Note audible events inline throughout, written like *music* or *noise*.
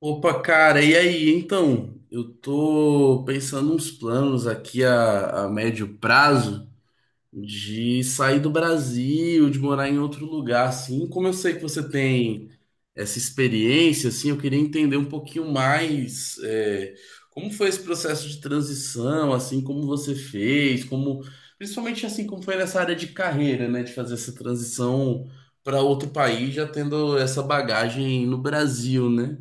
Opa, cara, e aí? Então, eu tô pensando uns planos aqui a médio prazo de sair do Brasil, de morar em outro lugar, assim. Como eu sei que você tem essa experiência, assim, eu queria entender um pouquinho mais, como foi esse processo de transição, assim, como você fez, como, principalmente assim, como foi nessa área de carreira, né, de fazer essa transição para outro país, já tendo essa bagagem no Brasil, né?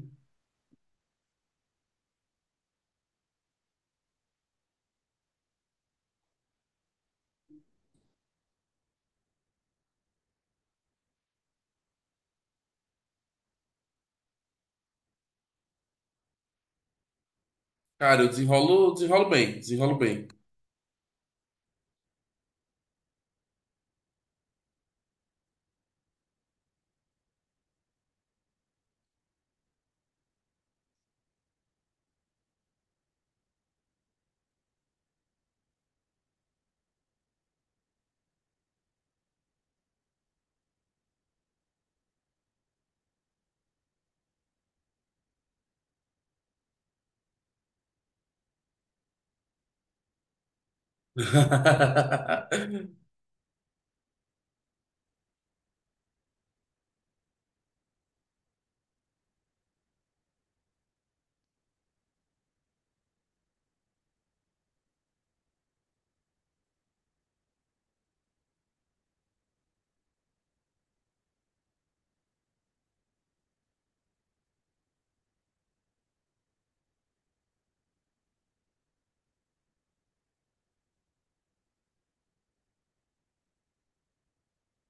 Cara, eu desenrolo, desenrolo bem, desenrolo bem. *laughs*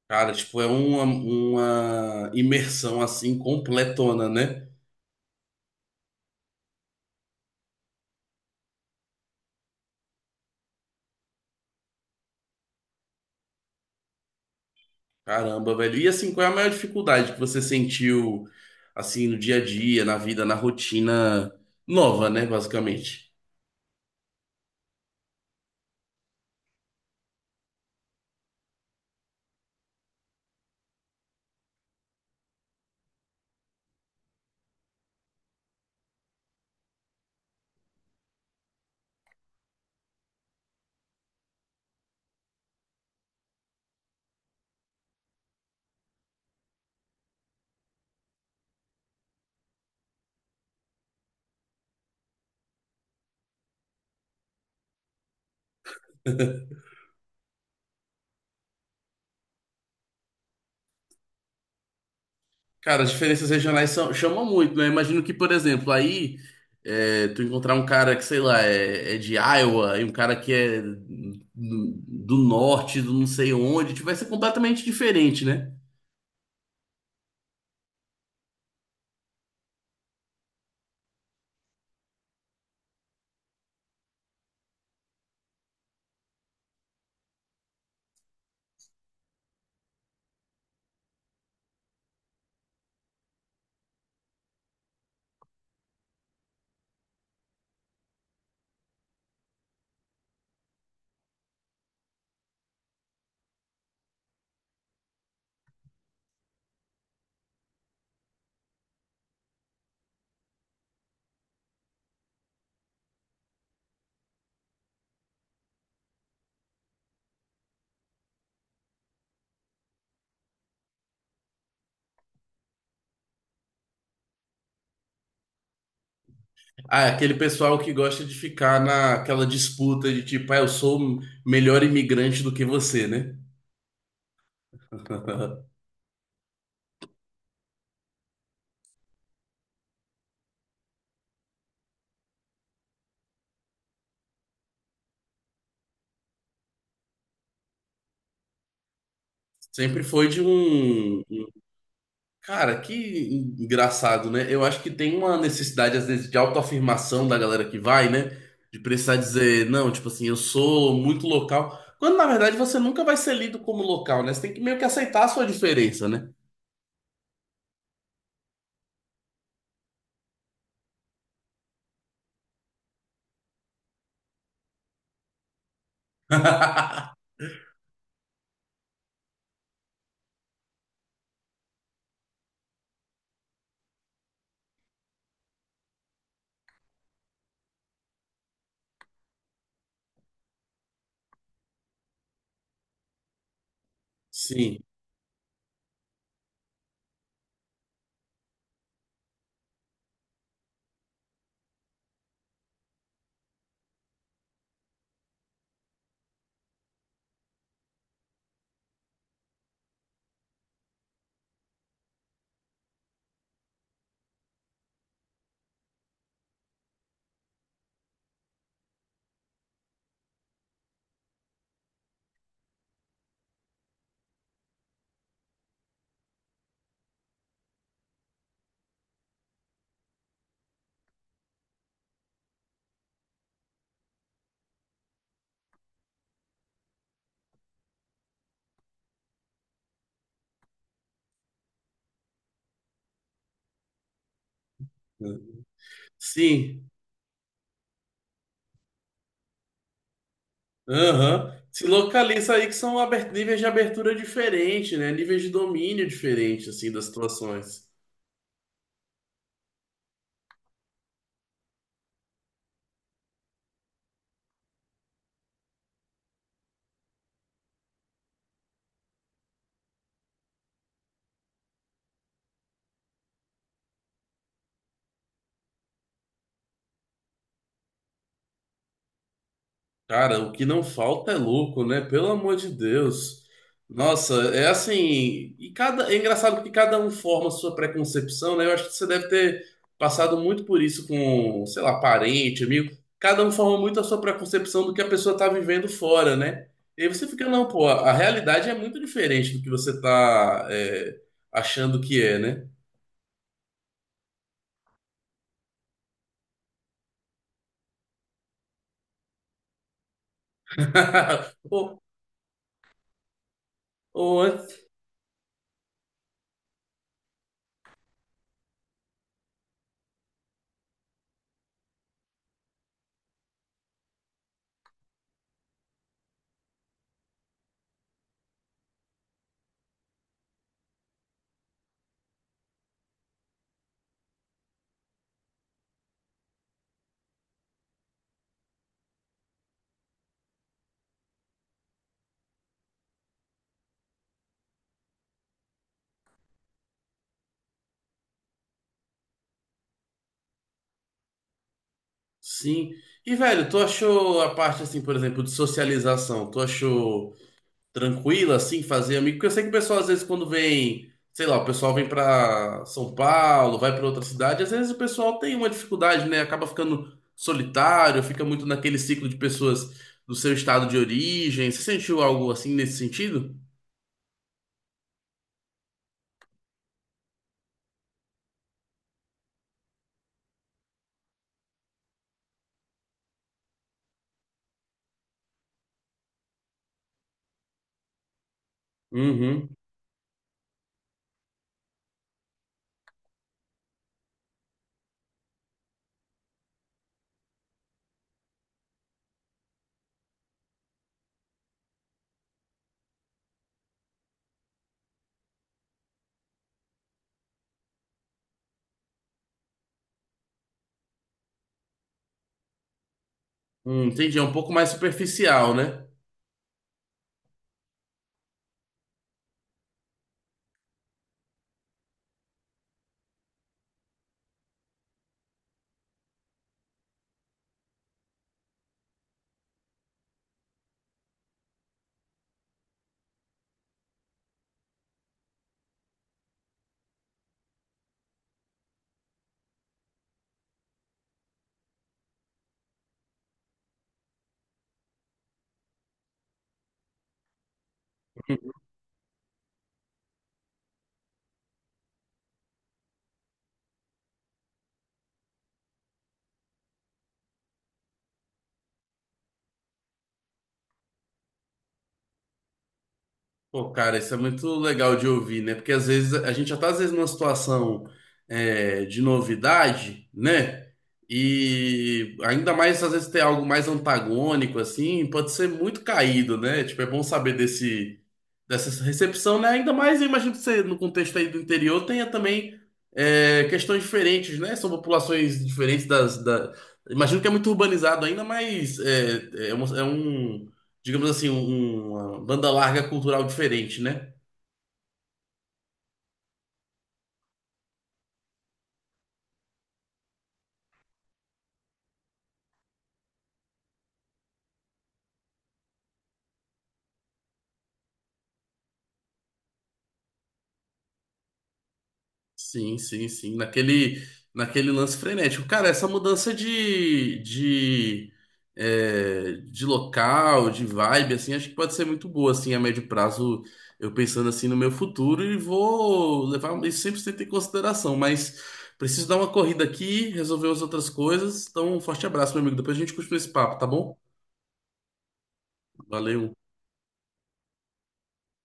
Cara, tipo, é uma imersão assim completona, né? Caramba, velho. E assim, qual é a maior dificuldade que você sentiu assim no dia a dia, na vida, na rotina nova, né, basicamente? Cara, as diferenças regionais são- chamam muito, né? Imagino que, por exemplo, aí tu encontrar um cara que, sei lá, é de Iowa e um cara que é do, do norte, do não sei onde, tipo, vai ser completamente diferente, né? Ah, é aquele pessoal que gosta de ficar naquela disputa de tipo, ah, eu sou melhor imigrante do que você, né? *laughs* Sempre foi de um. Cara, que engraçado, né? Eu acho que tem uma necessidade, às vezes, de autoafirmação da galera que vai, né? De precisar dizer, não, tipo assim, eu sou muito local. Quando, na verdade, você nunca vai ser lido como local, né? Você tem que meio que aceitar a sua diferença, né? *laughs* Sim. Sim. Aham. Se localiza aí que são aber- níveis de abertura diferentes, né? Níveis de domínio diferentes, assim, das situações. Cara, o que não falta é louco, né? Pelo amor de Deus. Nossa, é assim. E cada... É engraçado que cada um forma a sua preconcepção, né? Eu acho que você deve ter passado muito por isso com, sei lá, parente, amigo. Cada um forma muito a sua preconcepção do que a pessoa tá vivendo fora, né? E aí você fica, não, pô, a realidade é muito diferente do que você tá, achando que é, né? *laughs* Ou, ou antes, sim. E, velho, tu achou a parte, assim, por exemplo, de socialização, tu achou tranquila, assim, fazer amigo? Porque eu sei que o pessoal, às vezes, quando vem, sei lá, o pessoal vem pra São Paulo, vai pra outra cidade, às vezes o pessoal tem uma dificuldade, né? Acaba ficando solitário, fica muito naquele ciclo de pessoas do seu estado de origem. Você sentiu algo assim nesse sentido? Uhum. Entendi. É um pouco mais superficial, né? Pô, cara, isso é muito legal de ouvir, né? Porque às vezes a gente já tá às vezes numa situação de novidade, né? E ainda mais às vezes ter algo mais antagônico, assim, pode ser muito caído, né? Tipo, é bom saber desse dessa recepção, né? Ainda mais, eu imagino que você, no contexto aí do interior, tenha também questões diferentes, né? São populações diferentes da... Imagino que é muito urbanizado ainda, mas é um, digamos assim, um- uma banda larga cultural diferente, né? Sim, sim, sim. Naquele, naquele lance frenético. Cara, essa mudança de local, de vibe, assim, acho que pode ser muito boa, assim, a médio prazo, eu pensando assim no meu futuro e vou levar um, isso 100% em consideração. Mas preciso dar uma corrida aqui, resolver as outras coisas. Então, um forte abraço, meu amigo. Depois a gente continua esse papo, tá bom? Valeu.